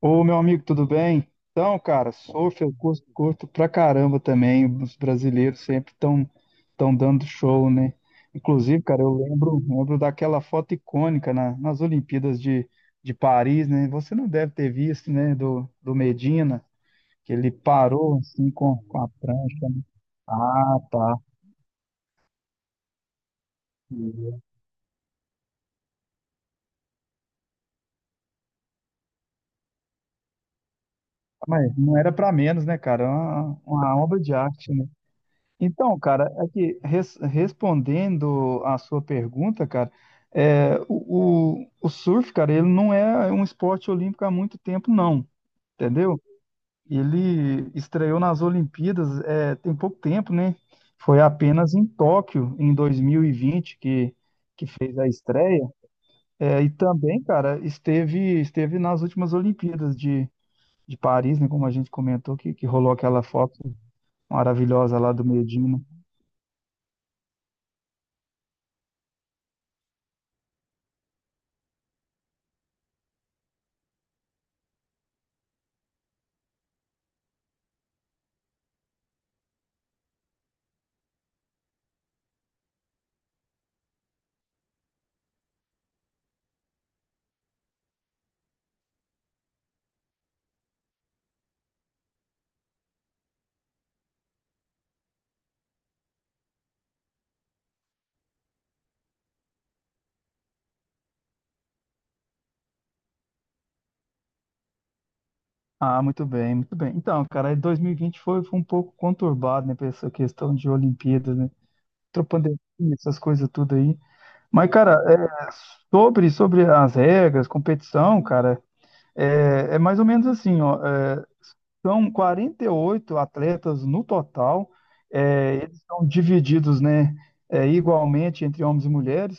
Ô, meu amigo, tudo bem? Então, cara, surf eu curto pra caramba também. Os brasileiros sempre estão tão dando show, né? Inclusive, cara, eu lembro daquela foto icônica nas Olimpíadas de Paris, né? Você não deve ter visto, né? Do Medina, que ele parou assim com a prancha. Ah, tá. Mas não era pra menos, né, cara? Uma obra de arte, né? Então, cara, aqui, respondendo à sua pergunta, cara, o surf, cara, ele não é um esporte olímpico há muito tempo, não, entendeu? Ele estreou nas Olimpíadas, tem pouco tempo, né? Foi apenas em Tóquio, em 2020, que fez a estreia. E também, cara, esteve nas últimas Olimpíadas de Paris, né? Como a gente comentou, que rolou aquela foto maravilhosa lá do Medina. Ah, muito bem, muito bem. Então, cara, aí 2020 foi um pouco conturbado, né, pra essa questão de Olimpíadas, né? Entrou pandemia, essas coisas tudo aí. Mas, cara, sobre as regras, competição, cara, é mais ou menos assim, ó. São 48 atletas no total, eles são divididos, né, igualmente entre homens e mulheres.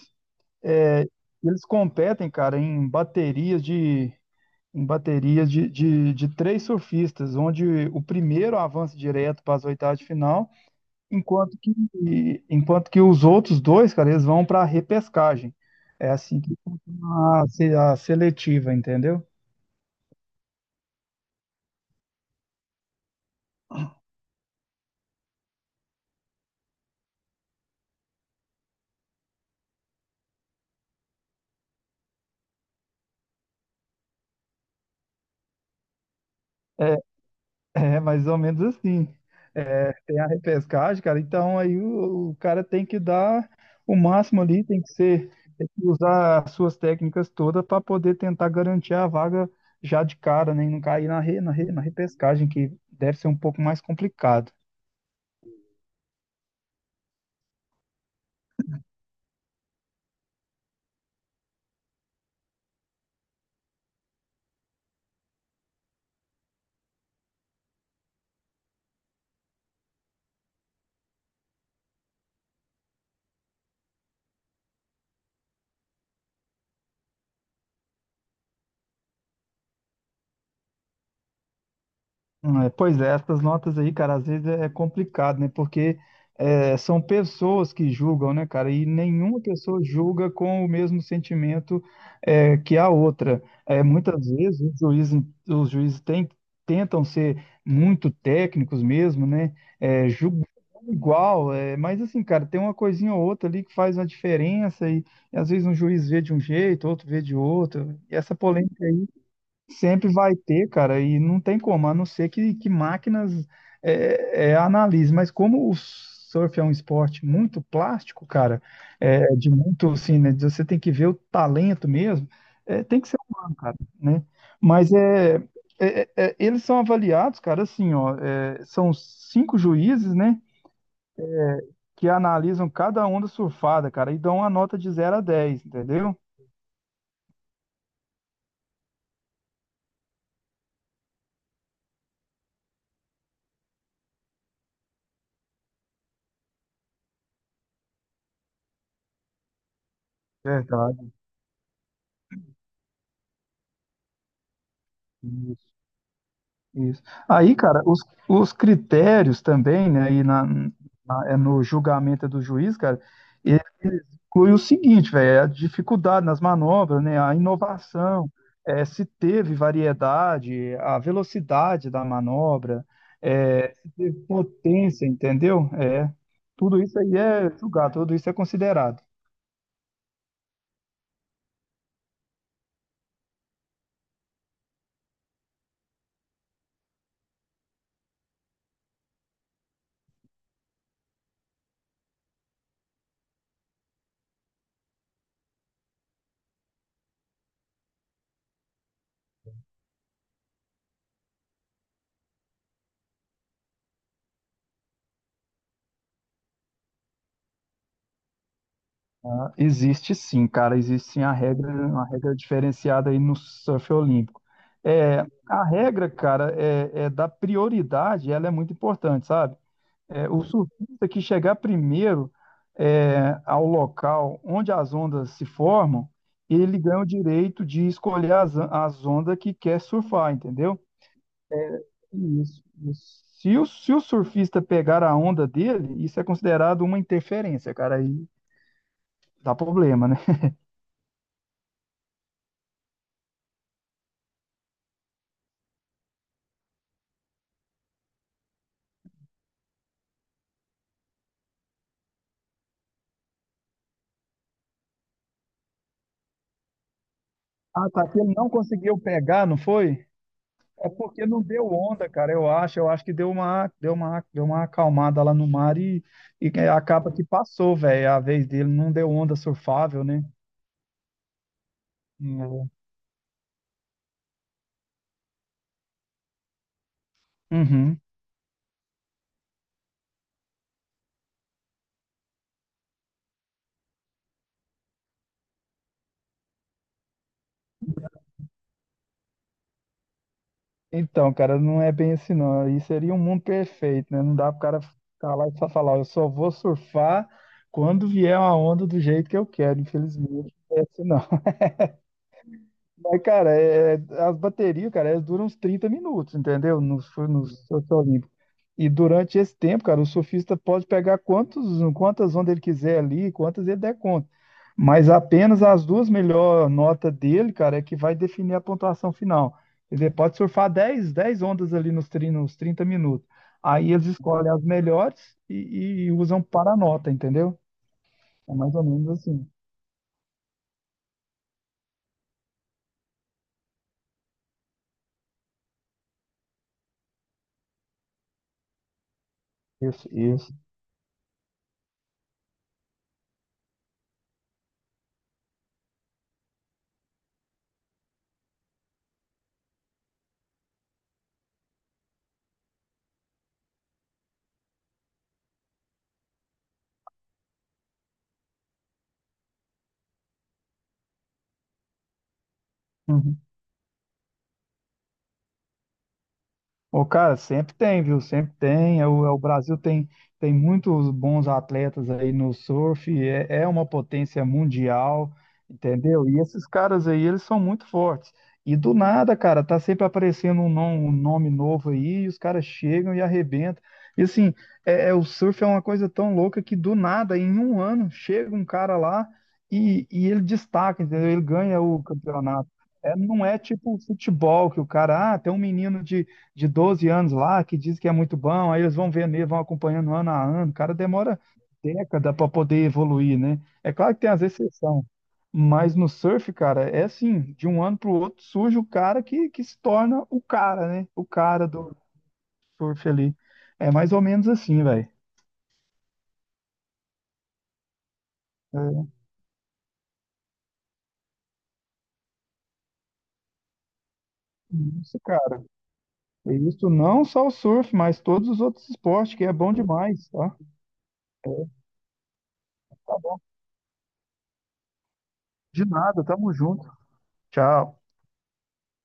É, eles competem, cara, em baterias de com baterias de três surfistas, onde o primeiro avança direto para as oitavas de final, enquanto que os outros dois, cara, eles vão para a repescagem. É assim que funciona a, se- a seletiva, entendeu? É, É mais ou menos assim. Tem a repescagem, cara. Então aí o cara tem que dar o máximo ali, tem que usar as suas técnicas todas para poder tentar garantir a vaga já de cara, né? E não cair na repescagem, que deve ser um pouco mais complicado. Pois é, essas notas aí, cara, às vezes é complicado, né? Porque são pessoas que julgam, né, cara? E nenhuma pessoa julga com o mesmo sentimento que a outra. Muitas vezes os juízes, tentam ser muito técnicos mesmo, né? Julgam igual, mas assim, cara, tem uma coisinha ou outra ali que faz uma diferença e às vezes um juiz vê de um jeito, outro vê de outro. E essa polêmica aí. Sempre vai ter, cara, e não tem como, a não ser que máquinas analise. Mas como o surf é um esporte muito plástico, cara, de muito, assim, né, de você tem que ver o talento mesmo, tem que ser humano, cara, né? Mas eles são avaliados, cara, assim, ó, são cinco juízes, né, que analisam cada onda surfada, cara, e dão uma nota de zero a dez, entendeu? Verdade. Isso. Aí, cara, os critérios também, né, e no julgamento do juiz, cara, ele inclui o seguinte, velho, é a dificuldade nas manobras, né, a inovação, se teve variedade, a velocidade da manobra, se teve potência, entendeu? Tudo isso aí é julgado, tudo isso é considerado. Existe sim, cara, existe sim a regra, uma regra diferenciada aí no surf olímpico. É, a regra, cara, é da prioridade, ela é muito importante, sabe? O surfista que chegar primeiro ao local onde as ondas se formam, ele ganha o direito de escolher as ondas que quer surfar, entendeu? Isso, isso. Se o surfista pegar a onda dele, isso é considerado uma interferência, cara, aí dá problema, né? Ah, tá. Que ele não conseguiu pegar, não foi? É porque não deu onda, cara. Eu acho que deu uma acalmada lá no mar e acaba que passou, velho. A vez dele não deu onda surfável, né? Hum, é. Uhum. Então, cara, não é bem assim, não. Aí seria um mundo perfeito, né? Não dá pro cara ficar lá e só falar, eu só vou surfar quando vier uma onda do jeito que eu quero, infelizmente. Não é assim, não. Mas, cara, as baterias, cara, elas duram uns 30 minutos, entendeu? No surf olímpico. E durante esse tempo, cara, o surfista pode pegar quantas ondas ele quiser ali, quantas ele der conta. Mas apenas as duas melhores notas dele, cara, é que vai definir a pontuação final. Ele pode surfar dez ondas ali nos 30 minutos. Aí eles escolhem as melhores e usam para a nota, entendeu? É mais ou menos assim. Isso, isso. Ô, cara, sempre tem, viu? Sempre tem. O Brasil tem muitos bons atletas aí no surf, é uma potência mundial, entendeu? E esses caras aí, eles são muito fortes. E do nada, cara, tá sempre aparecendo um nome novo aí, e os caras chegam e arrebentam. E assim, o surf é uma coisa tão louca que do nada, em um ano, chega um cara lá e ele destaca, entendeu? Ele ganha o campeonato. Não é tipo futebol que o cara, ah, tem um menino de 12 anos lá, que diz que é muito bom, aí eles vão vendo, ele, vão acompanhando ano a ano. O cara demora década para poder evoluir, né? É claro que tem as exceções, mas no surf, cara, é assim, de um ano para o outro surge o cara que se torna o cara, né? O cara do surf ali. É mais ou menos assim, velho. É isso, cara. É isso não só o surf, mas todos os outros esportes, que é bom demais, tá? De nada, tamo junto. Tchau.